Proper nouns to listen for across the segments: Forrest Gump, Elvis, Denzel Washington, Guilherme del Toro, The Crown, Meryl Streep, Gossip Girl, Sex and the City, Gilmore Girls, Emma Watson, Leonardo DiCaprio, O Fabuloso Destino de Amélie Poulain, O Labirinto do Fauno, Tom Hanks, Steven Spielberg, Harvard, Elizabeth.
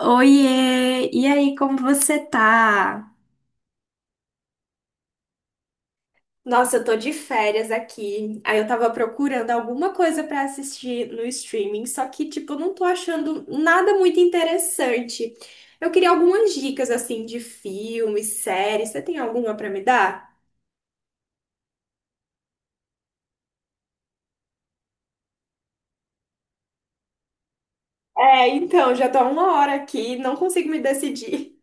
Oiê! E aí, como você tá? Nossa, eu tô de férias aqui. Aí eu tava procurando alguma coisa pra assistir no streaming, só que, tipo, eu não tô achando nada muito interessante. Eu queria algumas dicas, assim, de filmes, séries. Você tem alguma pra me dar? É, então, já tô há uma hora aqui, não consigo me decidir.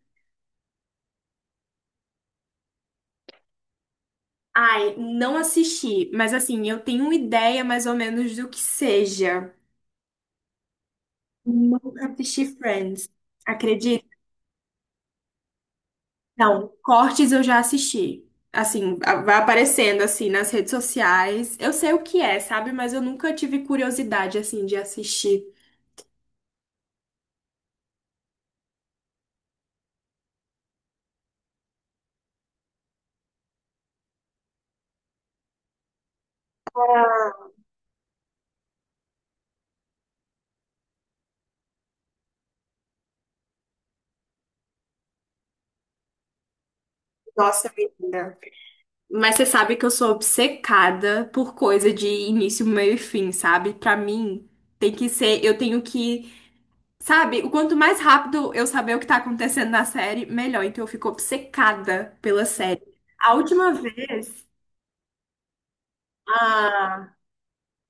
Ai, não assisti, mas assim, eu tenho uma ideia mais ou menos do que seja. Nunca assisti Friends. Não, cortes eu já assisti. Assim, vai aparecendo assim nas redes sociais. Eu sei o que é, sabe? Mas eu nunca tive curiosidade assim de assistir. Nossa, menina. Mas você sabe que eu sou obcecada por coisa de início, meio e fim, sabe? Pra mim, tem que ser, eu tenho que, sabe? O quanto mais rápido eu saber o que tá acontecendo na série, melhor. Então eu fico obcecada pela série. A última vez, ah,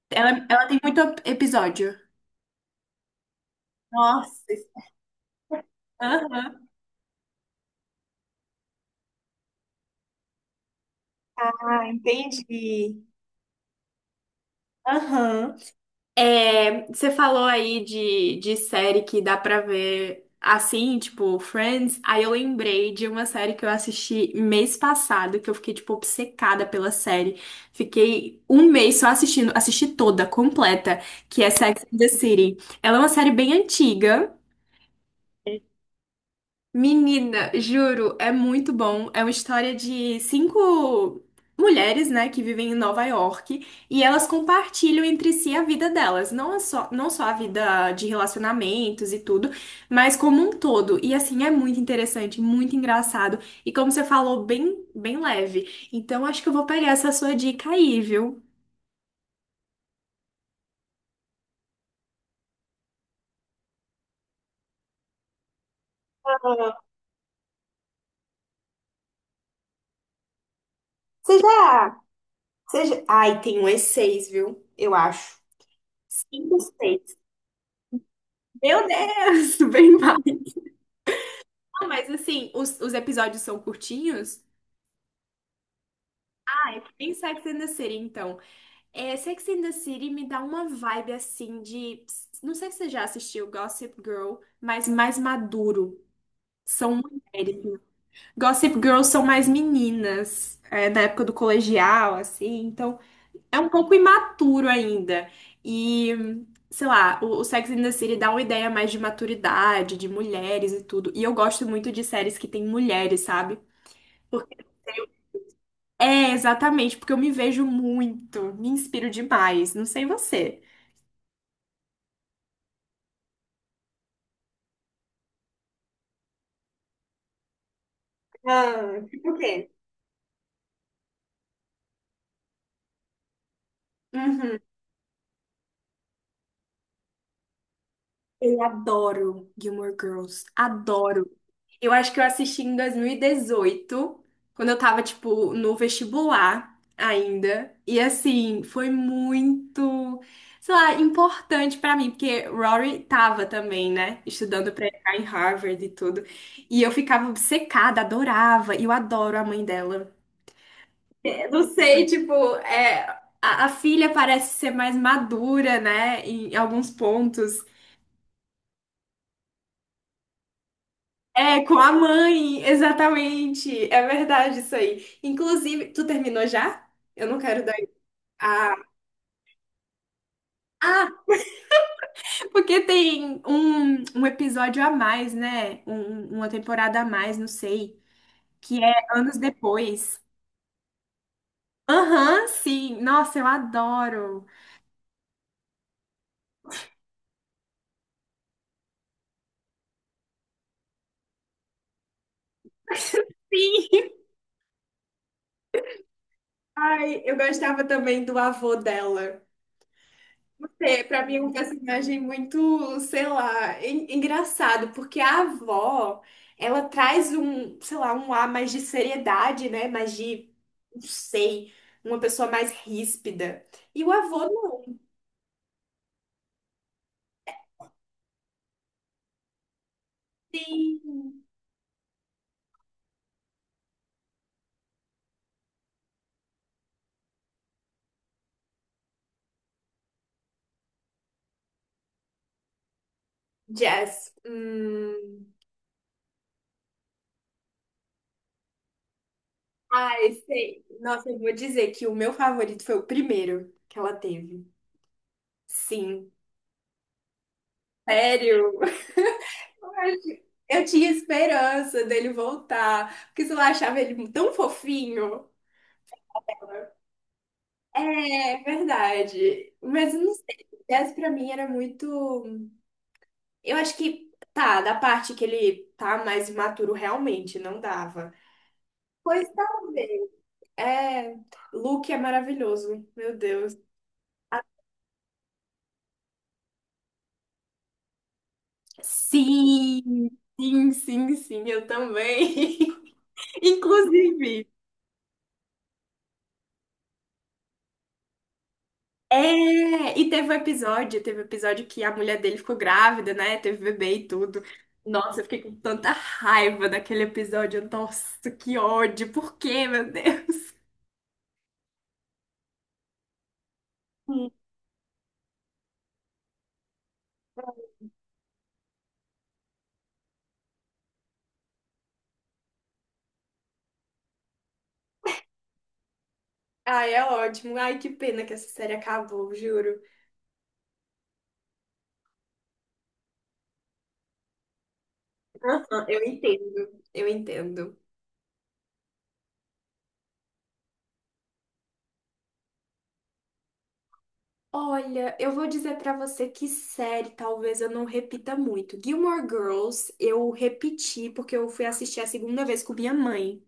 ela tem muito episódio. Nossa. Aham. Ah, entendi. Aham. É, você falou aí de série que dá pra ver assim, tipo Friends. Aí eu lembrei de uma série que eu assisti mês passado, que eu fiquei, tipo, obcecada pela série. Fiquei um mês só assistindo, assisti toda, completa, que é Sex and the City. Ela é uma série bem antiga. Menina, juro, é muito bom. É uma história de cinco mulheres, né, que vivem em Nova York e elas compartilham entre si a vida delas, não é só, não só a vida de relacionamentos e tudo, mas como um todo. E assim, é muito interessante, muito engraçado e como você falou, bem, bem leve. Então, acho que eu vou pegar essa sua dica aí, viu? Ah, Você já, Ai, tem um e seis, viu? Eu acho. Cinco, seis. Meu Deus, bem mal. Não, mas assim, os episódios são curtinhos? Ah, é. Ai, em Sex and the City, então. É, Sex and the City me dá uma vibe assim de. Não sei se você já assistiu Gossip Girl, mas mais maduro. São mulheres, né? Gossip Girls são mais meninas, é, da época do colegial, assim. Então, é um pouco imaturo ainda. E, sei lá, o Sex and the City dá uma ideia mais de maturidade, de mulheres e tudo. E eu gosto muito de séries que tem mulheres, sabe? É, exatamente, porque eu me vejo muito, me inspiro demais. Não sei você. Ah, tipo o quê? Uhum. Eu adoro Gilmore Girls, adoro. Eu acho que eu assisti em 2018, quando eu tava, tipo, no vestibular ainda. E assim, foi muito, sei lá, importante pra mim, porque Rory tava também, né, estudando pra entrar em Harvard e tudo. E eu ficava obcecada, adorava, e eu adoro a mãe dela. Não sei, tipo, é, a filha parece ser mais madura, né, em alguns pontos. É, com a mãe, exatamente. É verdade isso aí. Inclusive, tu terminou já? Eu não quero dar. Ah, ah, porque tem um episódio a mais, né? Uma temporada a mais, não sei. Que é anos depois. Aham, sim. Nossa, eu adoro. Sim. Ai, eu gostava também do avô dela. É, pra mim é um personagem muito, sei lá, engraçado, porque a avó, ela traz um, sei lá, um ar mais de seriedade, né? Mais de, não sei, uma pessoa mais ríspida. E o avô não tem jazz. Ah, sei. Nossa, eu vou dizer que o meu favorito foi o primeiro que ela teve. Sim. Sério? Eu tinha esperança dele voltar, porque sei lá, achava ele tão fofinho. É verdade. Mas eu não sei, o Tess pra mim era muito. Eu acho que tá, da parte que ele tá mais imaturo realmente, não dava. Pois talvez. É, Luke é maravilhoso, meu Deus. Sim, sim, sim, sim, eu também. Inclusive. É, e teve um episódio, que a mulher dele ficou grávida, né? Teve bebê e tudo. Nossa, eu fiquei com tanta raiva daquele episódio. Nossa, que ódio. Por quê, meu Deus? Hum. Ai, é ótimo. Ai, que pena que essa série acabou, juro. Eu entendo, eu entendo. Olha, eu vou dizer pra você que série talvez eu não repita muito. Gilmore Girls eu repeti porque eu fui assistir a segunda vez com minha mãe.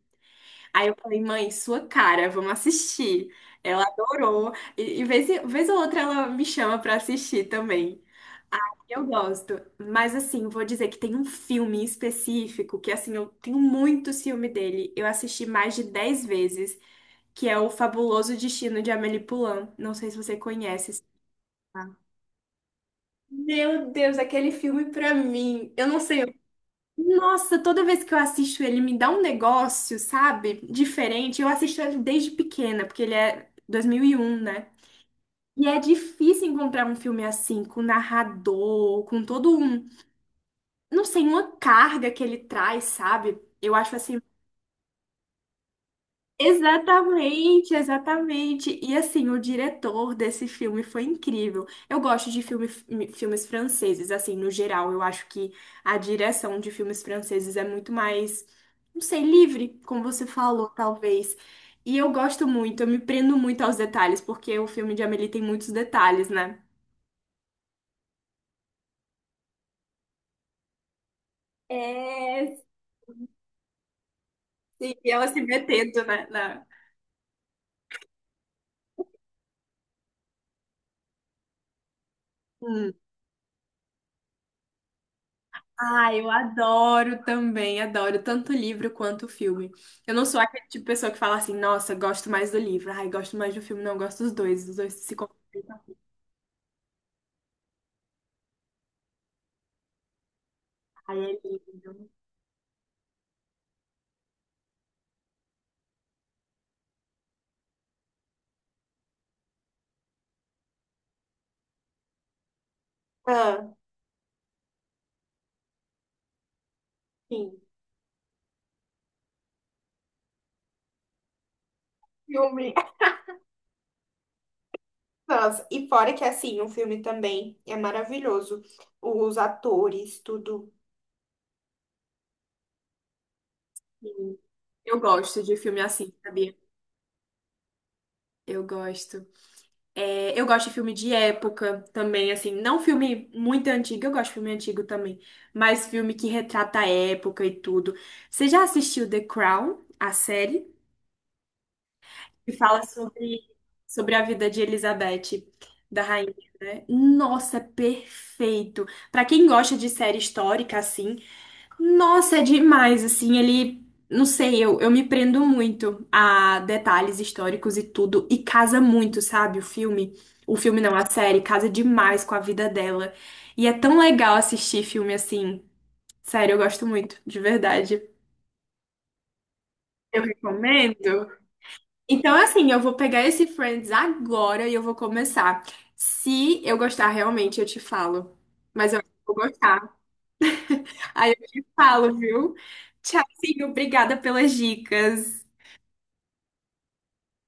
Aí eu falei, mãe, sua cara, vamos assistir. Ela adorou. Vez ou outra ela me chama pra assistir também. Aí eu gosto. Mas assim, vou dizer que tem um filme em específico que assim, eu tenho muito ciúme dele. Eu assisti mais de 10 vezes, que é O Fabuloso Destino de Amélie Poulain. Não sei se você conhece esse. Meu Deus, aquele filme pra mim. Eu não sei. Nossa, toda vez que eu assisto ele, me dá um negócio, sabe? Diferente. Eu assisto ele desde pequena, porque ele é 2001, né? E é difícil encontrar um filme assim, com narrador, com todo um, não sei, uma carga que ele traz, sabe? Eu acho assim. Exatamente, exatamente. E assim, o diretor desse filme foi incrível. Eu gosto de filme, filmes franceses, assim, no geral. Eu acho que a direção de filmes franceses é muito mais, não sei, livre, como você falou, talvez. E eu gosto muito, eu me prendo muito aos detalhes, porque o filme de Amélie tem muitos detalhes, né? É, sim, ela se metendo, né? Ah, eu adoro também, adoro tanto o livro quanto o filme. Eu não sou aquele tipo de pessoa que fala assim, nossa, gosto mais do livro, ai, gosto mais do filme, não, gosto dos dois, os dois se completam, ai, é lindo. Ah, sim. Filme. Nossa, e fora que assim, o filme também é maravilhoso. Os atores, tudo. Sim. Eu gosto de filme assim, sabia? Eu gosto. É, eu gosto de filme de época também, assim, não filme muito antigo, eu gosto de filme antigo também, mas filme que retrata a época e tudo. Você já assistiu The Crown, a série, que fala sobre a vida de Elizabeth, da rainha, né? Nossa, é perfeito! Pra quem gosta de série histórica, assim, nossa, é demais, assim, ele, não sei, eu me prendo muito a detalhes históricos e tudo, e casa muito, sabe, o filme não, a série, casa demais com a vida dela, e é tão legal assistir filme assim, sério, eu gosto muito, de verdade, eu recomendo. Então, assim, eu vou pegar esse Friends agora e eu vou começar, se eu gostar realmente, eu te falo, mas eu acho que eu vou gostar, aí eu te falo, viu? Tchauzinho, obrigada pelas dicas.